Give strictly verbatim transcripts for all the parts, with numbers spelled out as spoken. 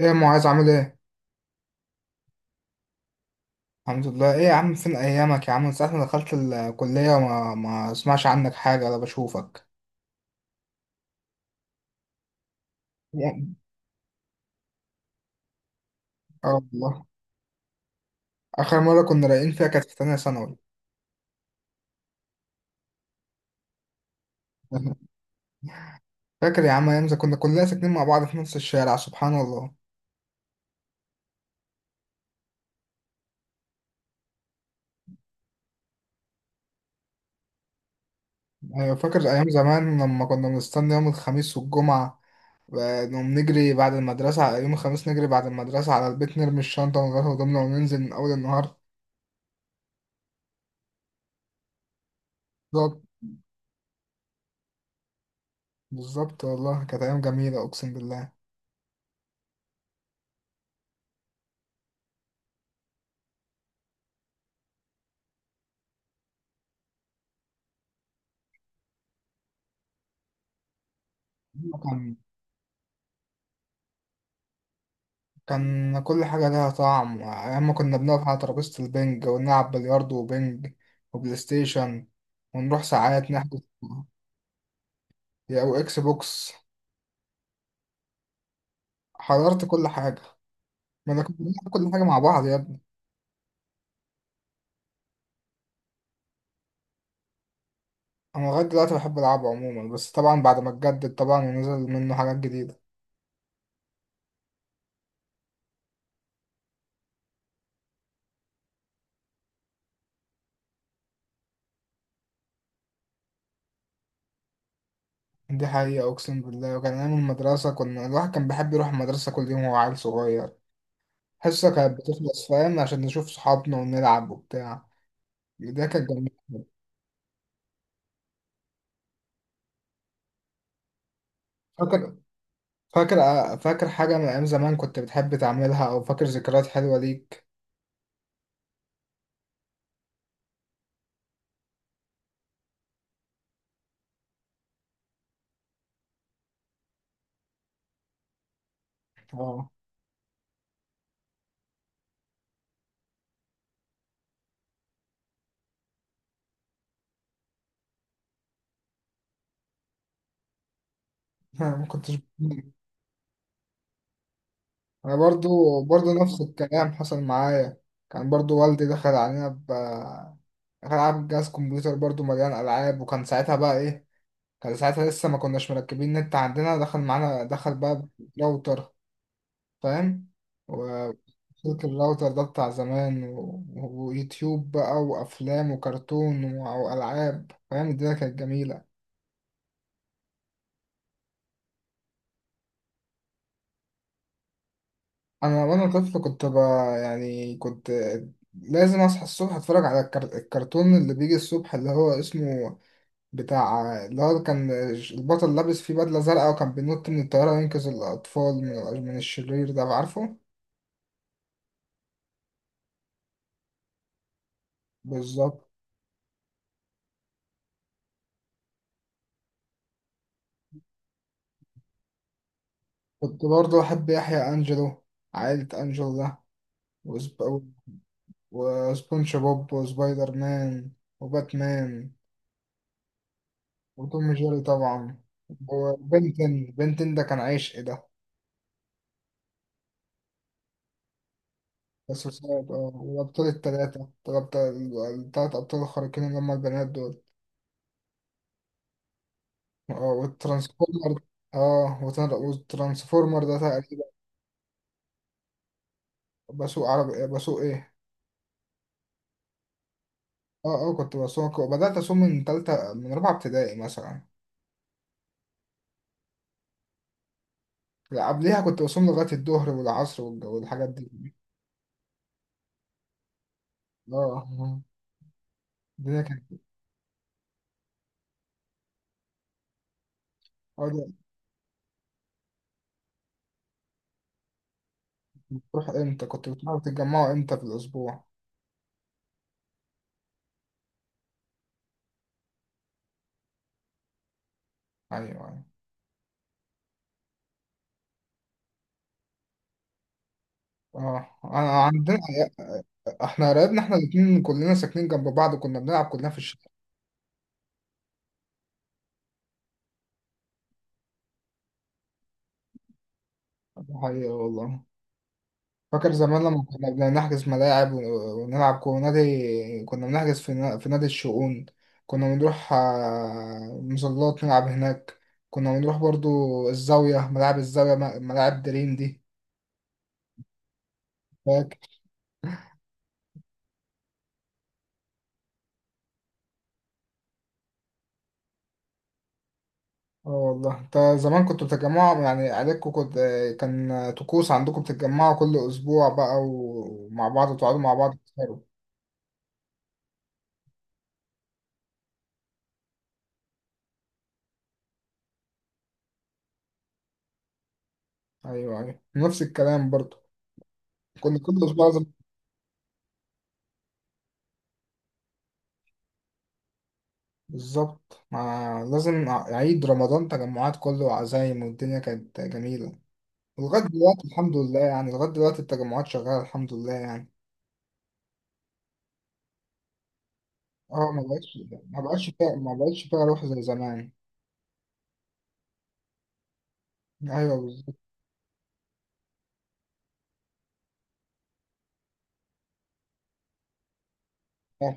ايه يا معاذ عامل ايه؟ الحمد لله، ايه يا عم، فين ايامك يا عم؟ من ساعة ما دخلت الكلية وما ما اسمعش عنك حاجة ولا بشوفك. يا- اه والله. اخر مرة كنا رايقين فيها كانت في تانية ثانوي. فاكر يا عم ايام زمان كنا كلنا ساكنين مع بعض في نفس الشارع؟ سبحان الله. ايوه فاكر ايام زمان لما كنا بنستنى يوم الخميس والجمعة، و- نقوم نجري بعد المدرسة يوم الخميس، نجري بعد المدرسة على البيت، نرمي الشنطة ونغير هدومنا وننزل من أول النهار. بالظبط، بالظبط والله كانت أيام جميلة، أقسم بالله. كان كل حاجة ليها طعم. أيام ما كنا بنقعد على ترابيزة البنج ونلعب بلياردو وبنج وبلاي ستيشن، ونروح ساعات نحجز، يا أو إكس بوكس. حضرت كل حاجة. ما أنا كنت بنلعب كل حاجة مع بعض يا ابني. أنا لغاية دلوقتي بحب ألعبه عموما، بس طبعا بعد ما اتجدد طبعا ونزل منه حاجات جديدة. دي حقيقة أقسم بالله. وكان أيام المدرسة، كنا الواحد كان بيحب يروح المدرسة كل يوم وهو عيل صغير. حصة كانت بتخلص، فاهم، عشان نشوف صحابنا ونلعب وبتاع. ده كان جميل. فاكر فاكر آه، فاكر حاجة من أيام زمان كنت بتحب تعملها؟ أو فاكر ذكريات حلوة ليك؟ اه. أنا ما كنتش. أنا برضو. برضو نفس الكلام حصل معايا. كان برضو والدي دخل علينا ب دخل علينا بجهاز كمبيوتر برضو مليان ألعاب، وكان ساعتها بقى إيه، كان ساعتها لسه ما كناش مركبين نت عندنا. دخل معانا، دخل بقى راوتر، فاهم؟ و- سلك الراوتر ده بتاع زمان و... ويوتيوب بقى وأفلام وكرتون و- وألعاب، فاهم، الدنيا كانت جميلة. انا وانا طفل كنت ب... يعني كنت لازم اصحى الصبح اتفرج على الكر... الكرتون اللي بيجي الصبح، اللي هو اسمه بتاع، اللي هو كان البطل لابس فيه بدلة زرقاء، وكان بينط من الطيارة ينقذ الأطفال من, من الشرير ده، عارفه؟ بالظبط. كنت برضه أحب يحيى أنجلو، عائلة أنجلو ده. وسب... وسبونج بوب وسبايدر مان وباتمان، وتوم جيري طبعا. وبنتن بنتن ده كان عشق ده. بس بسبب اه، والأبطال التلاتة، الأبطال التلات أبطال الخارقين اللي هما البنات دول. اه والترانسفورمر. اه وتن- والترانسفورمر ده تقريبا. بسوق عربي، آه، بسوق ايه. اه، اه، كنت بسوق. بدأت أصوم من تالتة، من رابعة ابتدائي مثلا. لا، قبليها كنت بصوم لغاية الظهر والعصر والج- والحاجات دي. اه. الدنيا كانت، اه، ده. بتروح امتى؟ كنت بتروحوا تتجمعوا امتى في الأسبوع؟ أيوه، أيوه. اه، انا عندنا، احنا قرايبنا احنا الاتنين كلنا ساكنين جنب بعض، وكنا بنلعب كلنا في الشارع. دي حقيقة والله. فاكر زمان لما كنا بنحجز ملاعب و- ونلعب كورة نادي، كنا بنحجز في نا- في نادي الشؤون. كنا بنروح آه، مظلات، نلعب هناك. كنا بنروح برضو الزاوية، ملاعب الزاوية، م- ملاعب دريم دي. فاكر. اه والله، انت زمان كنتوا بتتجمعوا يعني عيلتكم، كنت كان طقوس عندكم بتتجمعوا كل أسبوع بقى ومع بعض وتقعدوا مع بعض تسهروا. أيوه أيوه، نفس الكلام برضو. كنا كل أسبوع لازم. بالظبط. ما لازم عيد، رمضان، تجمعات كله وعزايم، والدنيا كانت جميلة. ولغاية دلوقتي الحمد لله، يعني لغاية دلوقتي التجمعات شغالة الحمد لله يعني. اه، ما بقتش. ما بقتش فيها، ما بقتش فيها روح زي زمان. ايوه بالظبط. آه،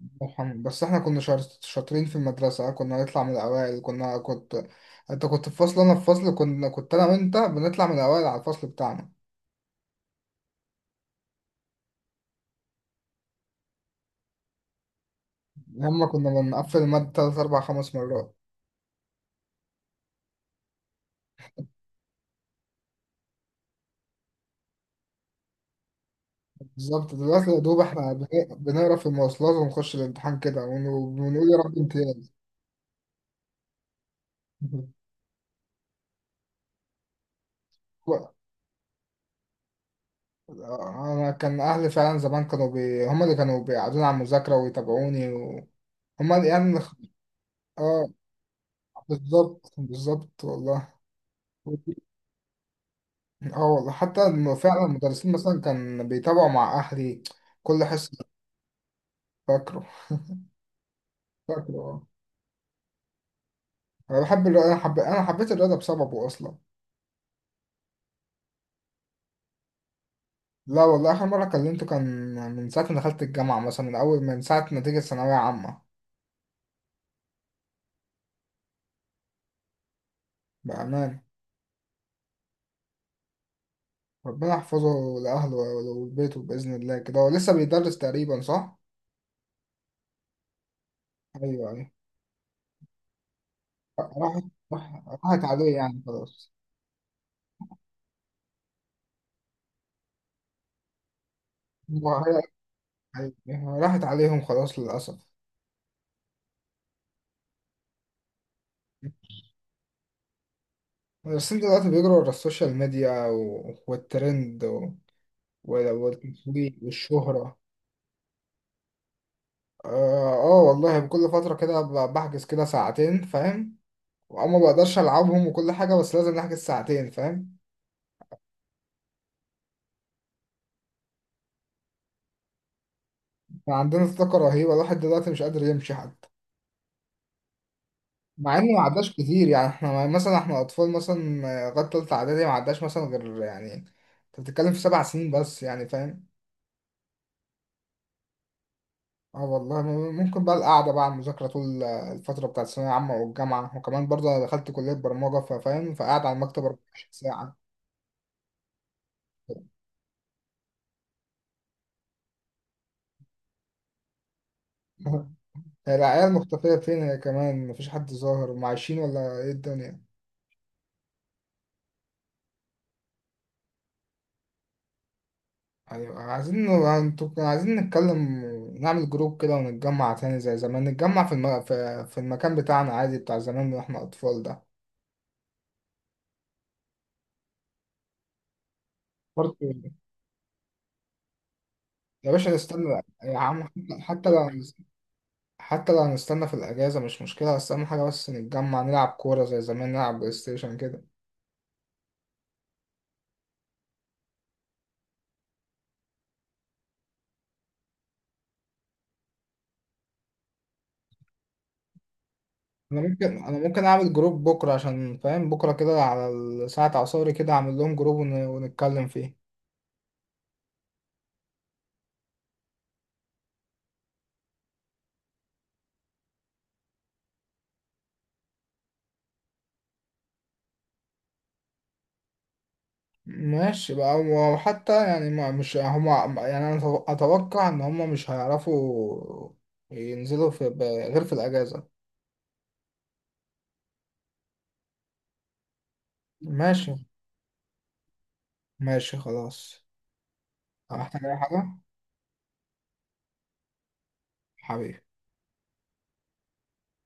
الله يرحمه. بس احنا كنا شاط- شاطرين في المدرسة، كنا نطلع من الأوائل. كنا كنت انت كنت في فصل انا في فصل، كنا كنت انا وانت بنطلع من الأوائل على الفصل بتاعنا. لما كنا بنقفل المادة تلات أربع خمس مرات. بالظبط، دلوقتي يا دوب احنا بن- بنقرا في المواصلات ونخش الامتحان كده ون- ونقول يا رب امتياز. و- انا كان اهلي فعلا زمان كانوا بي... هم اللي كانوا بيقعدوني على المذاكره ويتابعوني و... هم اللي يعني اللي خ- اه. بالظبط، بالظبط والله. اه والله، حتى الم- فعلا المدرسين مثلا كان بيتابعوا مع اهلي كل حصه. فاكره، فاكره اه. انا بحب الرياضه، انا حب... انا حبيت الرياضه بسببه اصلا. لا والله، آخر مرة كلمته كان من ساعة ما دخلت الجامعة مثلا، من أول من ساعة نتيجة ثانوية عامة. بأمان. ربنا يحفظه لأهله ولبيته بإذن الله. كده هو لسه بيدرس تقريبا، صح؟ أيوه أيوه. راحت، راح- راحت عليه يعني خلاص. وهي- راحت عليهم خلاص للأسف. المدرسين دلوقتي بيجروا ورا السوشيال ميديا و... والترند و... وال- والتسويق والشهرة. آه, آه والله، بكل فترة كده ب- بحجز كده ساعتين، فاهم، وأما بقدرش ألعبهم وكل حاجة، بس لازم نحجز ساعتين فاهم. فعندنا طاقة رهيبة، الواحد دلوقتي مش قادر يمشي حتى. مع إنه ما عداش كتير يعني، إحنا مثلا إحنا أطفال مثلا آه، لغاية تالتة إعدادي ما عداش مثلا، غير يعني أنت بتتكلم في سبع سنين بس يعني فاهم. اه والله، م- ممكن بقى القعدة بقى على المذاكرة طول آه، الفترة بتاعت الثانوية العامة والجامعة، وكمان برضه أنا دخلت كلية برمجة فاهم، فقاعد على المكتب أربعة وعشرين ساعة. هي العيال مختفية فين؟ هي كمان مفيش حد ظاهر، هم عايشين ولا إيه الدنيا؟ أيوة، عايزين، انتوا كنا عايزين نتكلم نعمل جروب كده ونتجمع تاني زي زمان، نتجمع في الم... في... في المكان بتاعنا عادي، بتاع زمان واحنا أطفال ده. برضه يا باشا، نستنى يا عم. حتى لو، حتى لو هنستنى في الأجازة مش مشكلة، بس أهم حاجة بس نتجمع نلعب كورة زي زمان، نلعب بلاي ستيشن كده. أنا ممكن أنا ممكن أعمل جروب بكرة، عشان فاهم بكرة كده على ال- ساعة عصاري كده أعمل لهم جروب ون... ونتكلم فيه. ماشي بقى. وحتى يعني، ما مش هما يعني، أنا أتو- أتوقع إن هما مش هيعرفوا ينزلوا في ب- غير في الأجازة. ماشي. ماشي خلاص. محتاج أي حاجة حبيبي؟